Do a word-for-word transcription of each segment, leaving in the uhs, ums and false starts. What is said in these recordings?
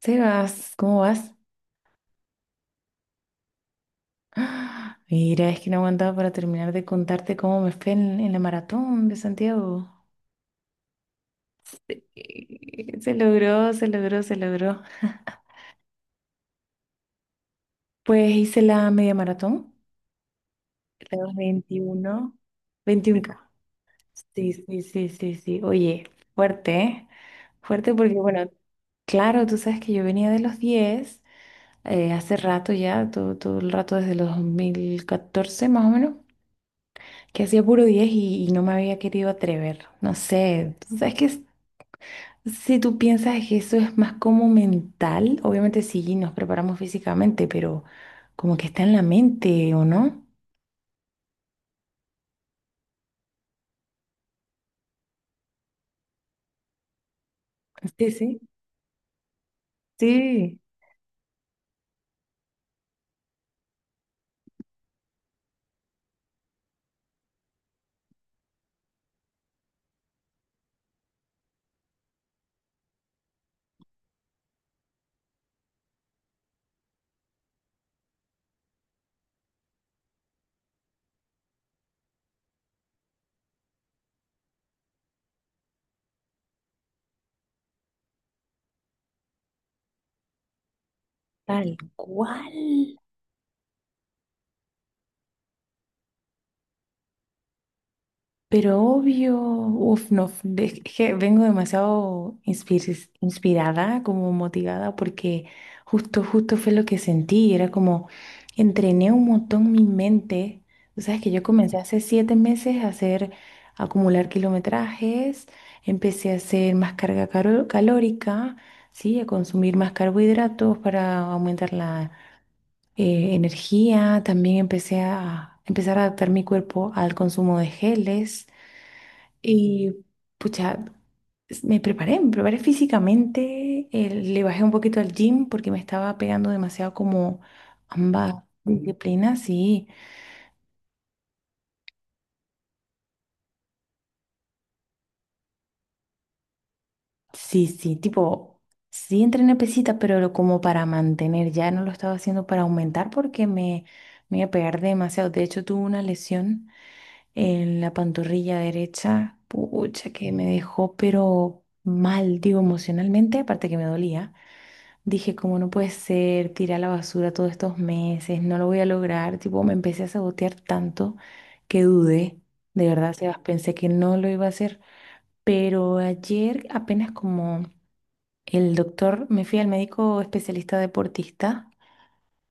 Sebas, ¿cómo vas? ¡Ah! Mira, es que no aguantaba para terminar de contarte cómo me fue en, en la maratón de Santiago. Eh, Se logró, se logró, se logró. Pues hice la media maratón, la veintiuno, veintiuno ka. Sí, sí, sí, sí, sí. Oye, fuerte, ¿eh? Fuerte porque, bueno, claro, tú sabes que yo venía de los diez eh, hace rato ya, todo, todo el rato desde los dos mil catorce más o menos. Que hacía puro diez y, y no me había querido atrever. No sé, tú sabes que es- si tú piensas que eso es más como mental, obviamente sí nos preparamos físicamente, pero como que está en la mente, ¿o no? Sí, sí. Sí, tal cual. Pero obvio, uf, no, de- es que vengo demasiado inspir- inspirada, como motivada, porque justo, justo fue lo que sentí. Era como, entrené un montón mi mente. Tú sabes que yo comencé hace siete meses a hacer, a acumular kilometrajes, empecé a hacer más carga caro- calórica, ¿sí? A consumir más carbohidratos para aumentar la eh, energía. También empecé a empezar a adaptar mi cuerpo al consumo de geles. Y pucha, es- me preparé, me preparé físicamente, eh, le bajé un poquito al gym porque me estaba pegando demasiado como ambas disciplinas, sí, sí, sí, tipo, sí entrené pesita, pero lo- como para mantener, ya no lo estaba haciendo para aumentar porque me, me iba a pegar demasiado. De hecho, tuve una lesión en la pantorrilla derecha, pucha, que me dejó pero mal, digo, emocionalmente, aparte que me dolía. Dije, ¿cómo no puede ser? Tirar a la basura todos estos meses, no lo voy a lograr. Tipo, me empecé a sabotear tanto que dudé. De verdad, Sebas, pensé que no lo iba a hacer. Pero ayer, apenas como el doctor, me fui al médico especialista deportista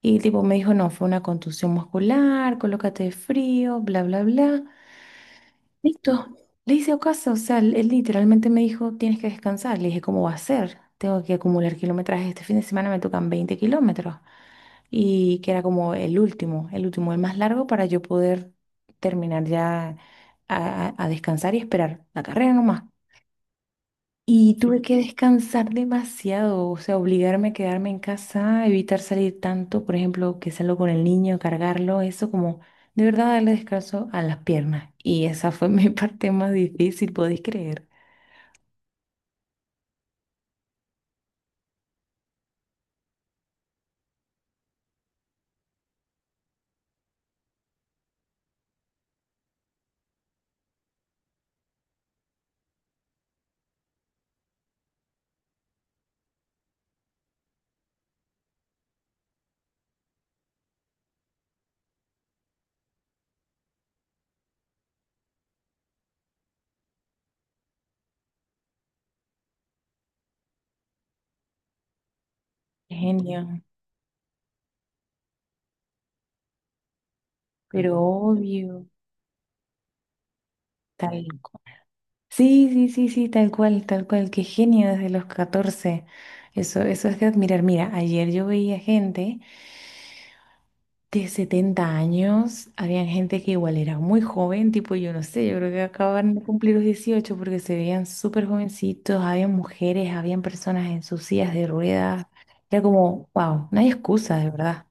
y tipo me dijo, no, fue una contusión muscular, colócate de frío, bla, bla, bla. Listo. Le hice caso, o sea, él literalmente me dijo, tienes que descansar. Le dije, ¿cómo va a ser? Tengo que acumular kilometraje. Este fin de semana me tocan veinte kilómetros y que era como el último, el último, el más largo para yo poder terminar ya a, a- a descansar y esperar la carrera nomás. Y tuve que descansar demasiado, o sea, obligarme a quedarme en casa, evitar salir tanto, por ejemplo, que salgo con el niño, cargarlo, eso como de verdad darle descanso a las piernas. Y esa fue mi parte más difícil, podéis creer. Genio, pero obvio, tal sí, sí, sí, sí, tal cual, tal cual. Qué genio desde los catorce. Eso, eso es de admirar. Mira, ayer yo veía gente de setenta años, había gente que igual era muy joven, tipo yo no sé, yo creo que acaban de cumplir los dieciocho, porque se veían súper jovencitos, había mujeres, habían personas en sus sillas de ruedas. Era como, wow, no hay excusa, de verdad.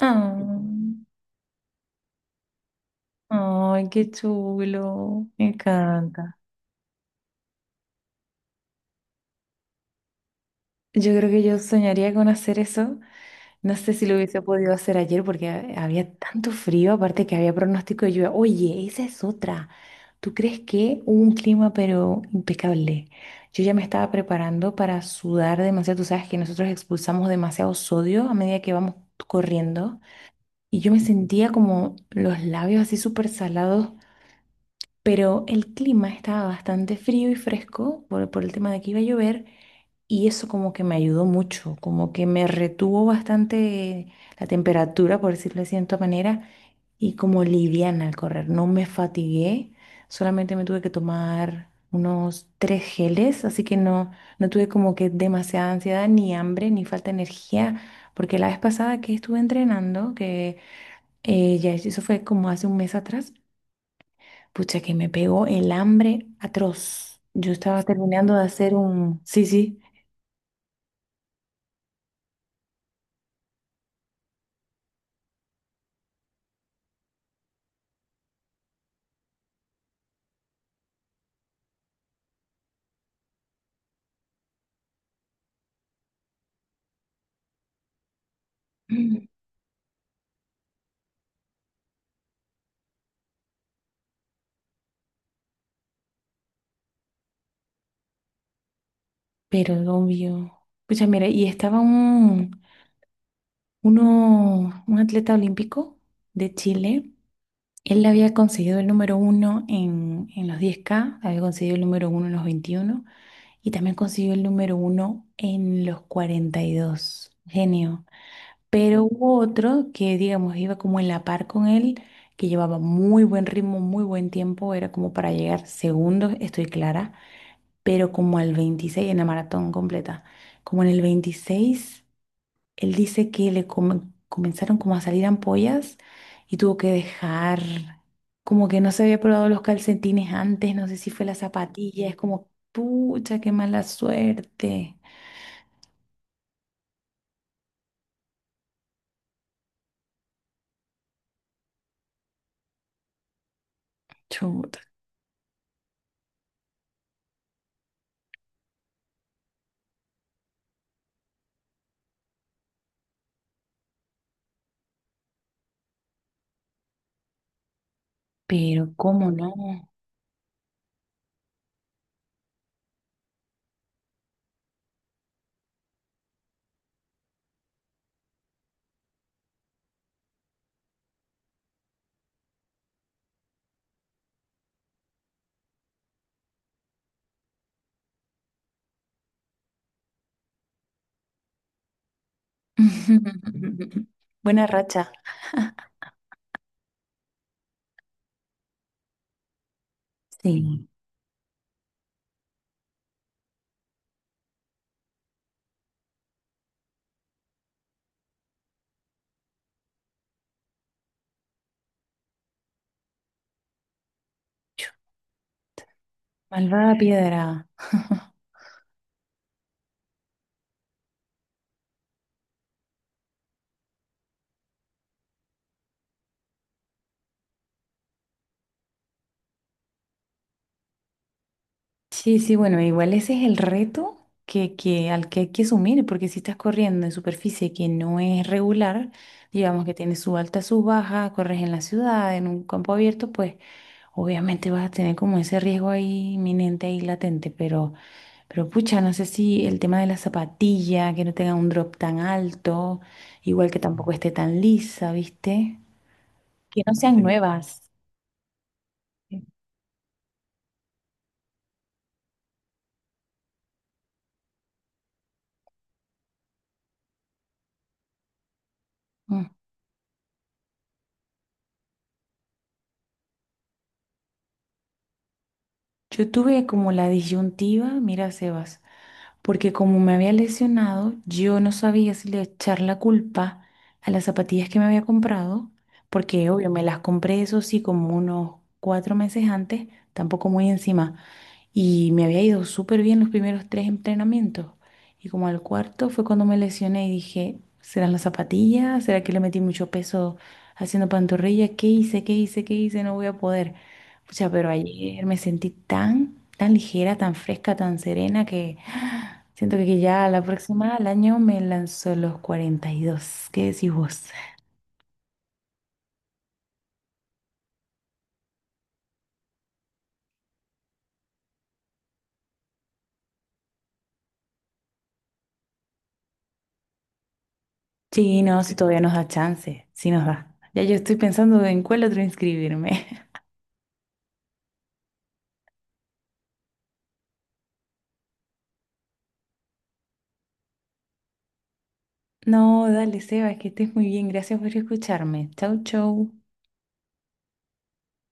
Ah, ay, qué chulo, me encanta. Yo creo que yo soñaría con hacer eso. No sé si lo hubiese podido hacer ayer porque ha- había tanto frío, aparte que había pronóstico de lluvia. Oye, esa es otra. ¿Tú crees que hubo un clima pero impecable? Yo ya me estaba preparando para sudar demasiado. Tú sabes que nosotros expulsamos demasiado sodio a medida que vamos corriendo. Y yo me sentía como los labios así súper salados, pero el clima estaba bastante frío y fresco por, por el tema de que iba a llover. Y eso como que me ayudó mucho, como que me retuvo bastante la temperatura, por decirlo de cierta manera, y como liviana al correr. No me fatigué, solamente me tuve que tomar unos tres geles, así que no, no tuve como que demasiada ansiedad, ni hambre, ni falta de energía, porque la vez pasada que estuve entrenando, que eh, ya eso fue como hace un mes atrás, pucha que me pegó el hambre atroz. Yo estaba terminando de hacer un... Sí, sí. Pero obvio. Pucha, mira, y estaba un, uno, un atleta olímpico de Chile. Él había conseguido el número uno en, en los diez ka, había conseguido el número uno en los veintiuno y también consiguió el número uno en los cuarenta y dos. Genio. Pero hubo otro que, digamos, iba como en la par con él, que llevaba muy buen ritmo, muy buen tiempo, era como para llegar segundo, estoy clara, pero como al veintiséis en la maratón completa, como en el veintiséis, él dice que le com- comenzaron como a salir ampollas y tuvo que dejar, como que no se había probado los calcetines antes, no sé si fue la zapatilla, es como, pucha, qué mala suerte. Chuta, pero cómo no. Buena racha. Sí. Chu, malvada piedra. Sí, sí, bueno, igual ese es el reto que, que, al que hay que asumir, porque si estás corriendo en superficie que no es regular, digamos que tiene su alta, su baja, corres en la ciudad, en un campo abierto, pues obviamente vas a tener como ese riesgo ahí inminente, ahí latente, pero, pero pucha, no sé si el tema de la zapatilla, que no tenga un drop tan alto, igual que tampoco esté tan lisa, ¿viste? Que no sean, sí, nuevas. Yo tuve como la disyuntiva, mira, Sebas, porque como me había lesionado, yo no sabía si le echar la culpa a las zapatillas que me había comprado, porque obvio, me las compré eso sí como unos cuatro meses antes, tampoco muy encima. Y me había ido súper bien los primeros tres entrenamientos. Y como al cuarto fue cuando me lesioné y dije, ¿serán las zapatillas? ¿Será que le metí mucho peso haciendo pantorrilla? ¿Qué hice? ¿Qué hice? ¿Qué hice? No voy a poder. Pucha, pero ayer me sentí tan, tan ligera, tan fresca, tan serena que siento que ya la próxima, al año, me lanzo los cuarenta y dos. ¿Qué decís vos? Sí, no, si todavía nos da chance, sí nos da. Ya yo estoy pensando en cuál otro inscribirme. No, dale, Seba, que estés muy bien. Gracias por escucharme. Chau, chau.